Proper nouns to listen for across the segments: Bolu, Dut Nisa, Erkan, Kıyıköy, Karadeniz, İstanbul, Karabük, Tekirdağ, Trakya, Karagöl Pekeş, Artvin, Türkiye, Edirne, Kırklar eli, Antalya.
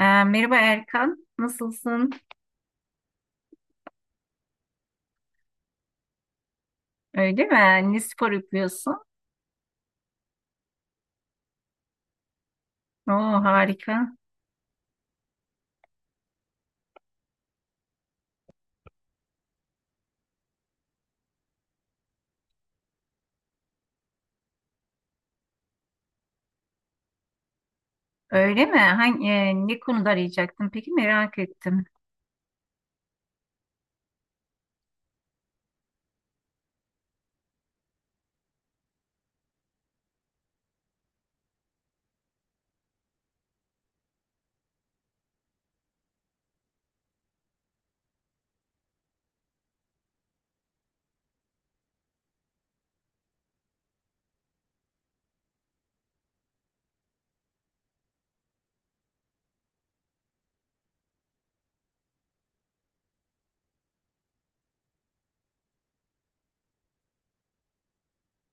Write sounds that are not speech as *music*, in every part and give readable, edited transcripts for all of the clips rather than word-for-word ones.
Merhaba Erkan, nasılsın? Öyle mi? Ne spor yapıyorsun? Oo harika. Öyle mi? Ne konuda arayacaktın? Peki, merak ettim.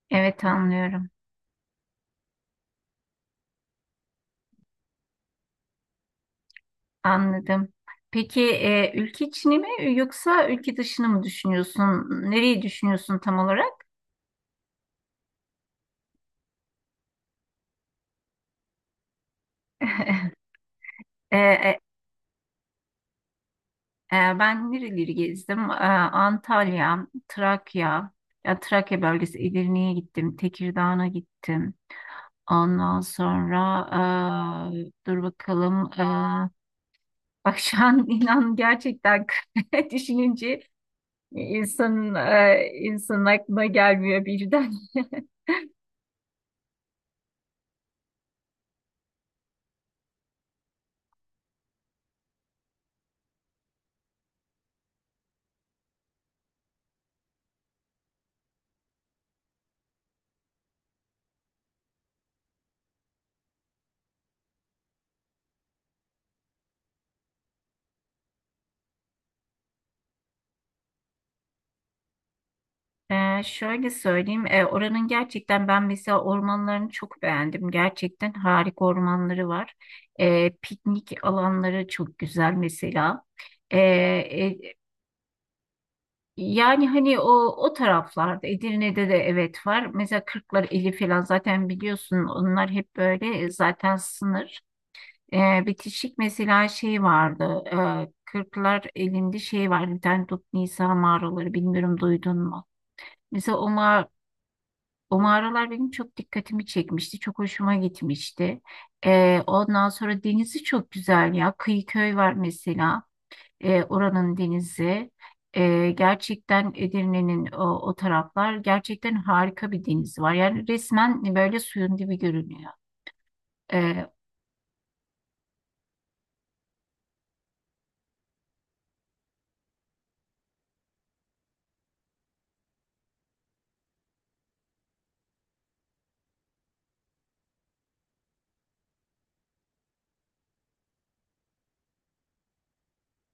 Evet, anlıyorum. Anladım. Peki, ülke içini mi yoksa ülke dışını mı düşünüyorsun? Nereyi düşünüyorsun tam olarak? *laughs* E, e, Ben nereleri gezdim? Antalya, Trakya bölgesi, Edirne'ye gittim, Tekirdağ'a gittim. Ondan sonra dur bakalım. Bak şu an, *laughs* inan gerçekten, *laughs* düşününce insanın aklına gelmiyor birden. *laughs* Şöyle söyleyeyim. Oranın gerçekten, ben mesela ormanlarını çok beğendim. Gerçekten harika ormanları var. Piknik alanları çok güzel mesela. Ee, Yani hani o taraflarda Edirne'de de, evet, var. Mesela Kırklar eli falan, zaten biliyorsun, onlar hep böyle, zaten sınır. Bitişik mesela şey vardı. Kırklar elinde şey var. Bir tane Dut Nisa mağaraları, bilmiyorum, duydun mu? Mesela o mağaralar benim çok dikkatimi çekmişti. Çok hoşuma gitmişti. Ondan sonra denizi çok güzel ya. Kıyıköy var mesela, oranın denizi. Gerçekten Edirne'nin o taraflar, gerçekten harika bir denizi var. Yani resmen böyle suyun dibi görünüyor. E,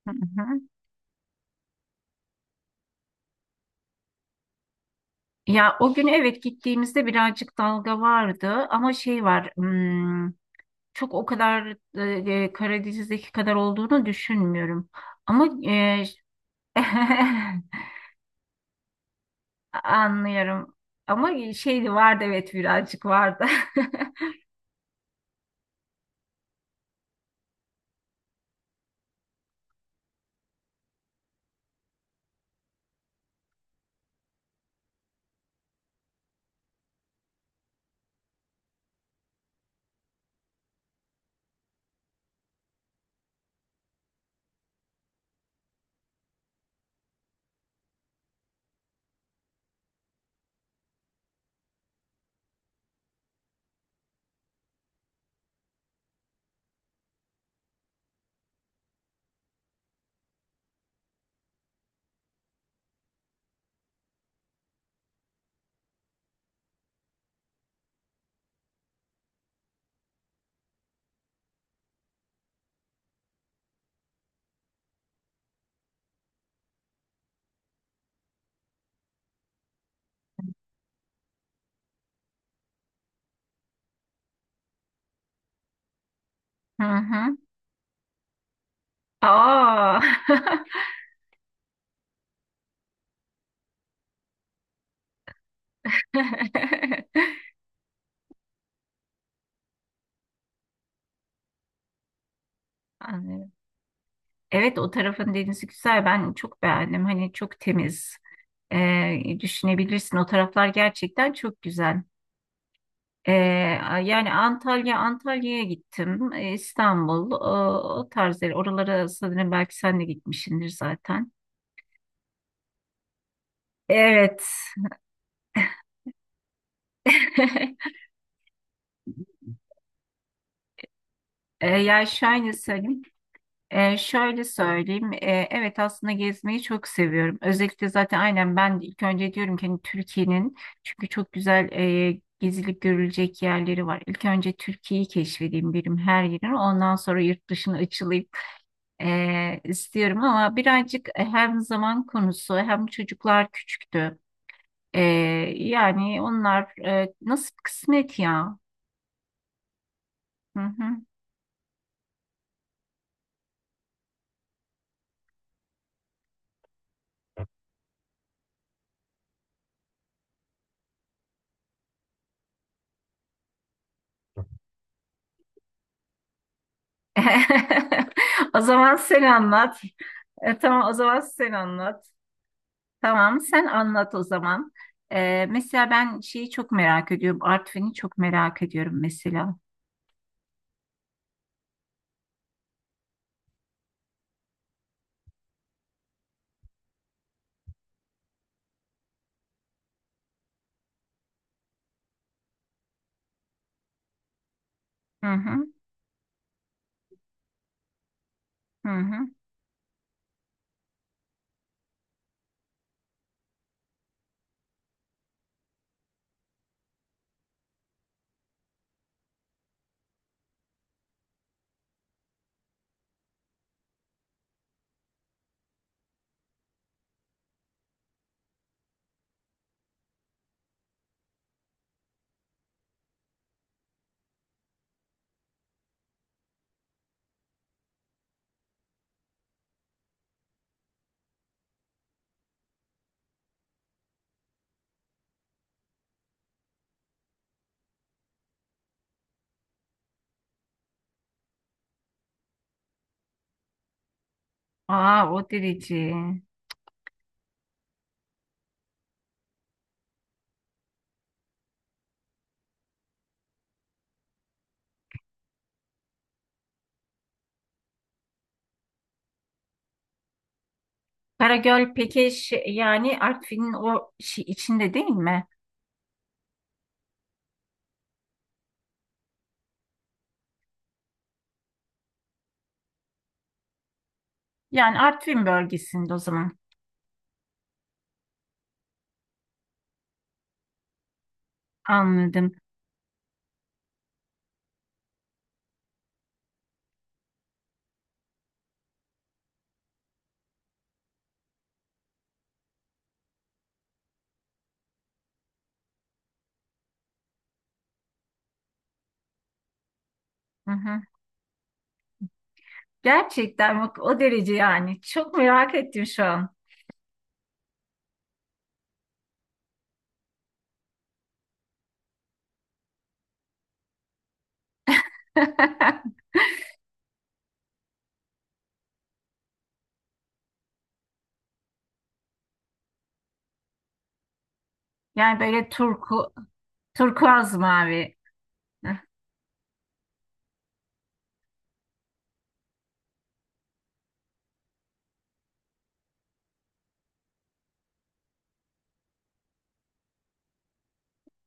hı hı. Ya o gün, evet, gittiğimizde birazcık dalga vardı ama şey var, çok o kadar Karadeniz'deki kadar olduğunu düşünmüyorum. Ama *laughs* anlıyorum. Ama şeydi vardı, evet, birazcık vardı. *laughs* Hı hı. Aa. *laughs* *laughs* Anlıyorum. Evet, o tarafın denizi güzel. Ben çok beğendim. Hani çok temiz. Düşünebilirsin. O taraflar gerçekten çok güzel. Ee, Yani Antalya'ya gittim. İstanbul, o tarz yer. Oralara sanırım belki sen de gitmişsindir zaten. Evet. *laughs* Ee, yani şöyle söyleyeyim. Şöyle söyleyeyim. Evet, aslında gezmeyi çok seviyorum. Özellikle zaten aynen ben de ilk önce diyorum ki hani Türkiye'nin, çünkü çok güzel gezilip görülecek yerleri var. İlk önce Türkiye'yi keşfedeyim birim her yerini. Ondan sonra yurt dışına açılayım istiyorum ama birazcık, hem zaman konusu hem çocuklar küçüktü. Ee, Yani onlar nasip kısmet ya. Hı hı. *laughs* O zaman sen anlat. Tamam, o zaman sen anlat. Tamam, sen anlat o zaman. Mesela ben şeyi çok merak ediyorum. Artvin'i çok merak ediyorum mesela. Hı hı, hı hı. Aa, o derece. Karagöl Pekeş, yani Artvin'in o şey içinde değil mi? Yani Artvin bölgesinde o zaman, anladım. Hı hı. Gerçekten bak, o derece yani. Çok merak ettim şu an. *laughs* Yani böyle turkuaz mavi. Hı.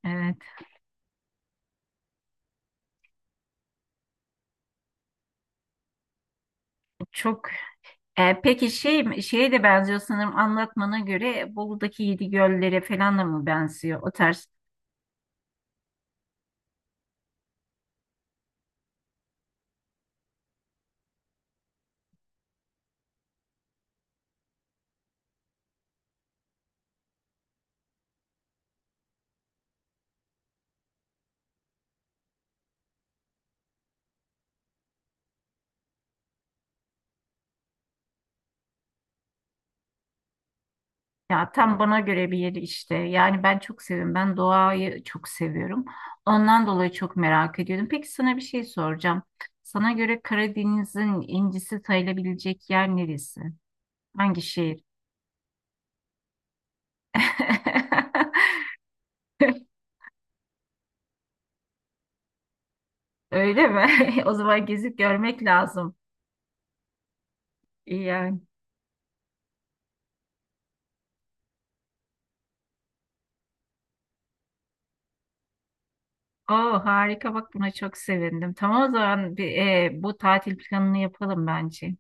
Evet. Çok. Peki şeye de benziyor sanırım, anlatmana göre Bolu'daki Yedi Göller'e falan da mı benziyor, o tarz? Ya, tam bana göre bir yeri işte. Yani ben çok seviyorum. Ben doğayı çok seviyorum. Ondan dolayı çok merak ediyordum. Peki, sana bir şey soracağım. Sana göre Karadeniz'in incisi sayılabilecek yer neresi? Hangi şehir? *laughs* Öyle mi? *laughs* O zaman gezip görmek lazım. İyi yani. Oo harika, bak buna çok sevindim. Tamam, o zaman bu tatil planını yapalım bence.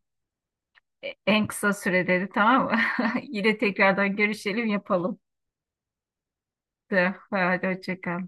En kısa sürede de, tamam mı? *laughs* Yine tekrardan görüşelim, yapalım. Hadi hoşça kal.